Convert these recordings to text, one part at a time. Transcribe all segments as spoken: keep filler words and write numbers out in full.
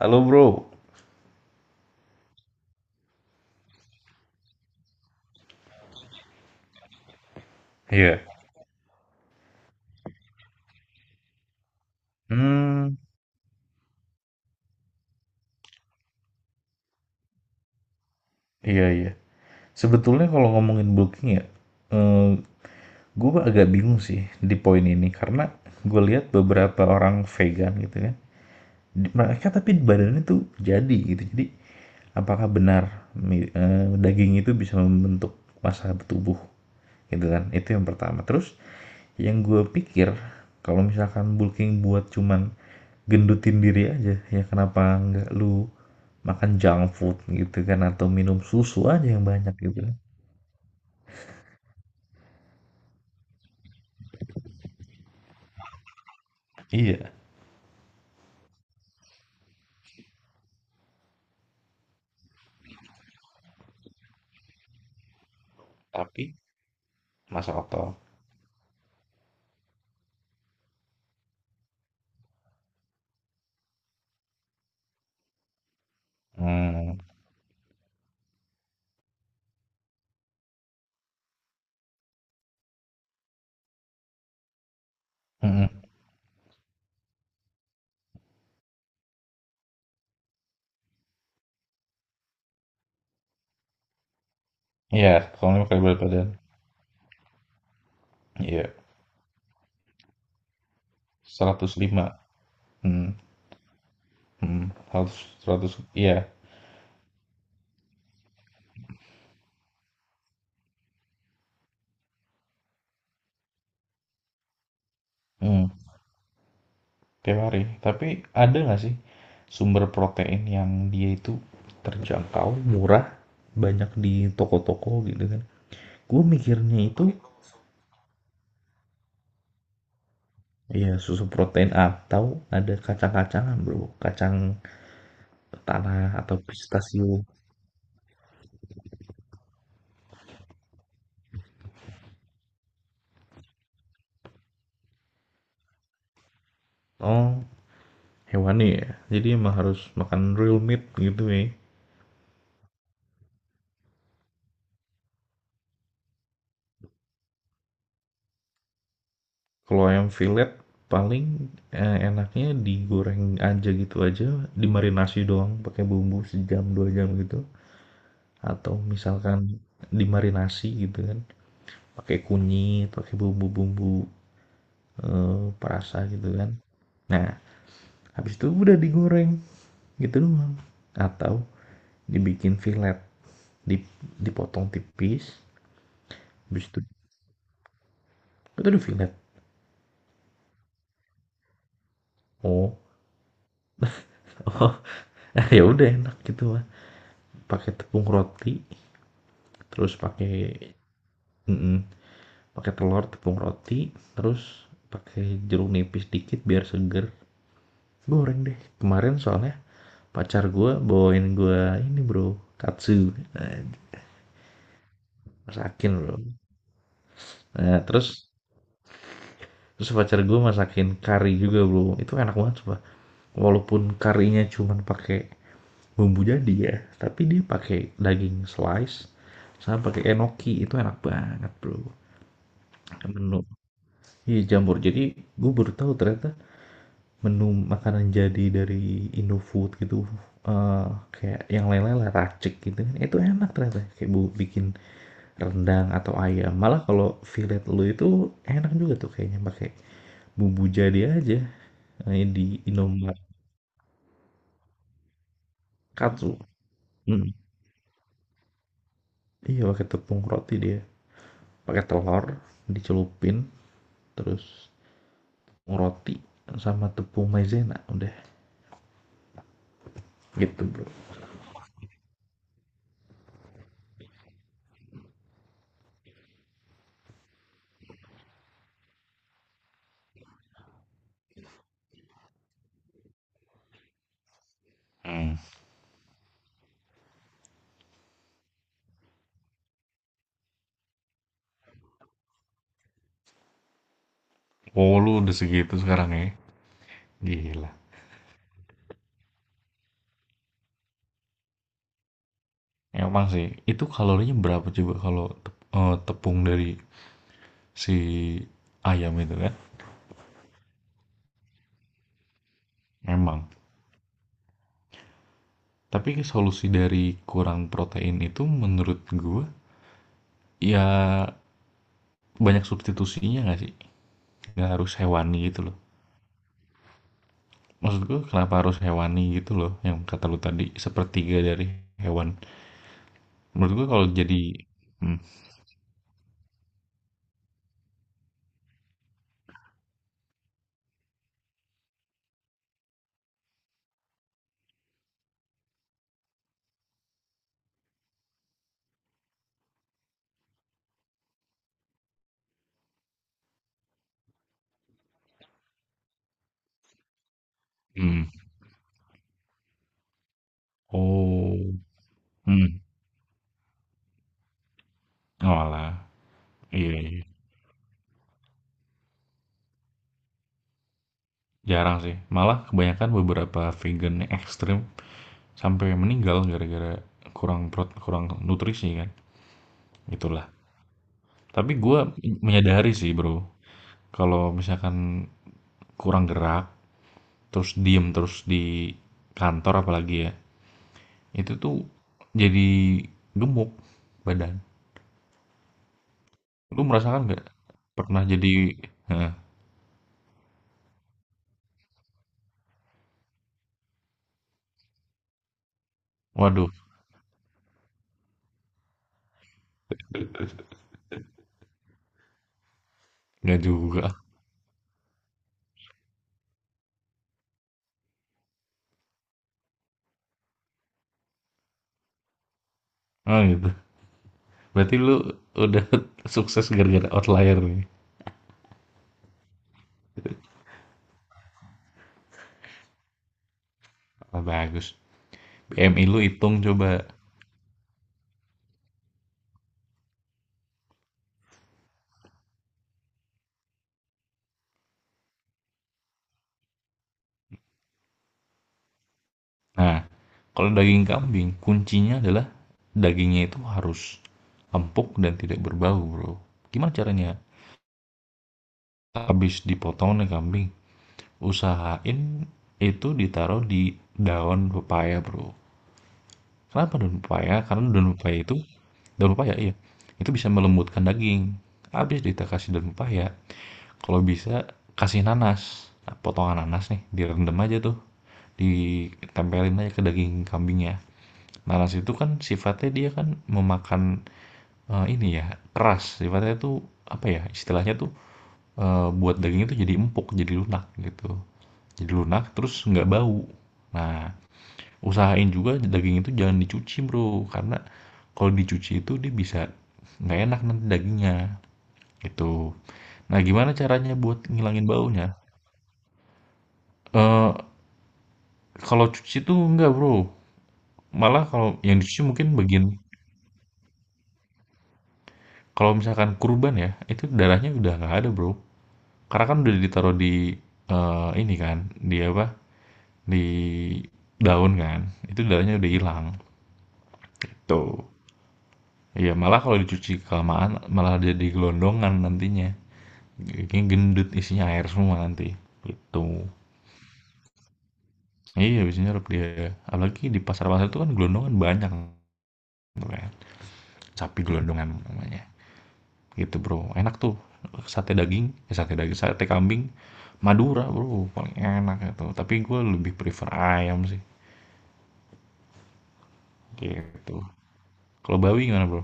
Halo bro. iya, hmm, iya iya. Sebetulnya kalau ngomongin booking ya, eh, gue agak bingung sih di poin ini karena gue lihat beberapa orang vegan gitu kan, di- mereka tapi badannya tuh jadi gitu. Jadi apakah benar mi- eh, daging itu bisa membentuk massa tubuh gitu kan? Itu yang pertama. Terus yang gue pikir kalau misalkan bulking buat cuman gendutin diri aja ya kenapa nggak lu makan junk food gitu kan atau minum susu aja yang banyak gitu kan. Iya, tapi masuk akal. Hmm, mm-mm. Iya, soalnya pakai berat badan. Iya, seratus lima. Hmm, hmm, seratus, seratus, iya. Hmm, tiap hari. Tapi ada nggak sih sumber protein yang dia itu terjangkau, murah, banyak di toko-toko gitu kan? Gue mikirnya itu. Iya, susu protein atau ada kacang-kacangan, Bro. Kacang tanah atau pistasium. Oh, hewani ya. Jadi emang harus makan real meat gitu ya. Kalau ayam fillet paling eh, enaknya digoreng aja gitu aja, dimarinasi doang pakai bumbu sejam dua jam gitu. Atau misalkan dimarinasi gitu kan, pakai kunyit, pakai bumbu-bumbu eh, perasa gitu kan. Nah, habis itu udah digoreng gitu doang. Atau dibikin fillet dip, dipotong tipis habis itu itu udah fillet oh oh ya udah enak gitu mah pakai tepung roti terus pakai pakai telur tepung roti terus pakai jeruk nipis dikit biar seger goreng deh kemarin soalnya pacar gue bawain gue ini bro katsu nah, masakin bro. Nah terus terus pacar gue masakin kari juga bro itu enak banget coba walaupun karinya cuman pakai bumbu jadi ya tapi dia pakai daging slice sama pakai enoki itu enak banget bro. menu iya jamur jadi gue baru tahu ternyata menu makanan jadi dari Indofood gitu, eh, kayak yang lain-lain lah racik gitu kan itu enak ternyata kayak bu bikin rendang atau ayam malah kalau fillet lu itu enak juga tuh kayaknya pakai bumbu jadi aja. Nah, ini di Indomaret. Katsu. Hmm. Iya pakai tepung roti dia, pakai telur dicelupin terus roti sama tepung maizena udah gitu bro. Hmm. Oh, lu udah segitu sekarang ya? Gila. Emang sih, itu kalorinya berapa coba kalau eh, tepung dari si ayam itu kan? Emang. Tapi solusi dari kurang protein itu menurut gua ya banyak substitusinya nggak sih? Nggak harus hewani gitu loh. Maksud gua kenapa harus hewani gitu loh? Yang kata lu tadi sepertiga dari hewan. Menurut gua kalau jadi hmm, hmm. Oh, mhm, oalah, iya iya, jarang sih, malah kebanyakan beberapa vegan yang ekstrem sampai meninggal gara-gara kurang prot kurang nutrisi kan, itulah. Tapi gue menyadari sih, Bro, kalau misalkan kurang gerak, terus diem terus di kantor apalagi ya, itu tuh jadi gemuk badan. Lu merasakan nggak? Pernah jadi heeh, waduh, nggak juga. Ah, oh gitu. Berarti lu udah sukses gara-gara outlier nih. Wah, bagus. B M I lu hitung coba. Nah, kalau daging kambing, kuncinya adalah dagingnya itu harus empuk dan tidak berbau, bro. Gimana caranya? Habis dipotong nih kambing, usahain itu ditaruh di daun pepaya, bro. Kenapa daun pepaya? Karena daun pepaya itu, daun pepaya iya, itu bisa melembutkan daging. Habis kita kasih daun pepaya, kalau bisa kasih nanas. Nah, potongan nanas nih direndam aja tuh, ditempelin aja ke daging kambingnya. Nanas itu kan sifatnya dia kan memakan eh, ini ya keras sifatnya tuh apa ya istilahnya tuh, eh, buat daging itu jadi empuk jadi lunak gitu, jadi lunak terus nggak bau. Nah, usahain juga daging itu jangan dicuci bro karena kalau dicuci itu dia bisa nggak enak nanti dagingnya. Gitu. Nah, gimana caranya buat ngilangin baunya? Eee, kalau cuci tuh enggak, Bro. Malah kalau yang dicuci mungkin bagian, kalau misalkan kurban ya, itu darahnya udah nggak ada, Bro. Karena kan udah ditaruh di, eee, ini kan, di apa, di daun kan, itu darahnya udah hilang, tuh. Iya, malah kalau dicuci kelamaan malah jadi gelondongan nantinya, jadinya gendut isinya air semua nanti, gitu. Iya, biasanya nyerap dia. Apalagi di pasar-pasar itu kan gelondongan banyak namanya, sapi gelondongan namanya, gitu bro. Enak tuh sate daging, eh, sate daging sate kambing Madura bro paling enak itu, tapi gue lebih prefer ayam sih gitu. Kalau bawi gimana bro,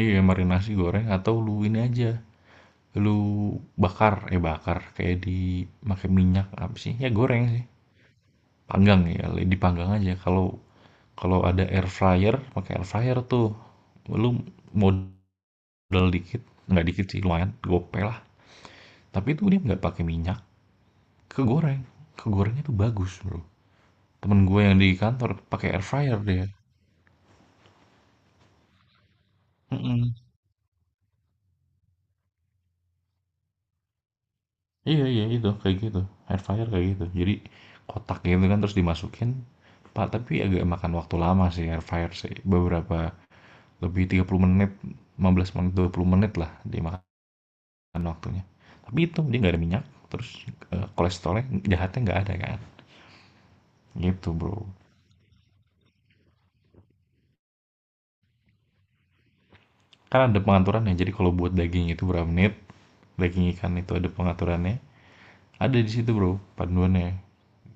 iya marinasi goreng atau lu ini aja lu bakar, eh bakar kayak di pakai minyak apa sih ya goreng sih, panggang ya dipanggang aja. Kalau kalau ada air fryer pakai air fryer tuh. Lu modal dikit, nggak dikit sih lumayan gope lah, tapi itu dia nggak pakai minyak. Kegoreng, kegoreng itu bagus Bro. Temen gue yang di kantor pakai air fryer dia. Mhm. Iya iya itu, kayak gitu, air fryer kayak gitu. Jadi kotak gitu kan terus dimasukin, pak tapi agak makan waktu lama sih air fryer sih, beberapa lebih tiga puluh menit, lima belas menit, dua puluh menit lah dimakan waktunya. Tapi itu dia nggak ada minyak, terus, eee, kolesterolnya jahatnya nggak ada kan, gitu Bro. Kan ada pengaturannya, jadi kalau buat daging itu berapa menit, daging ikan itu ada pengaturannya, ada di situ Bro panduannya.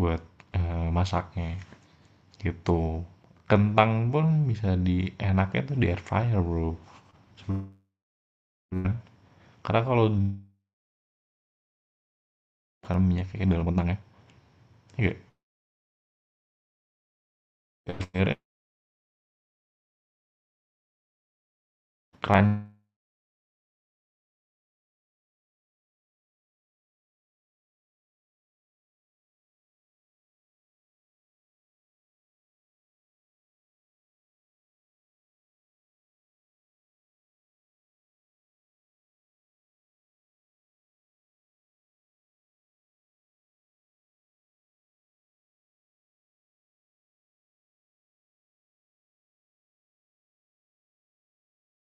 Buat eh, masaknya gitu. Kentang pun bisa di enaknya tuh di air fryer bro, karena kalau kan minyak kayak dalam kentang ya, iya air fryer crunchy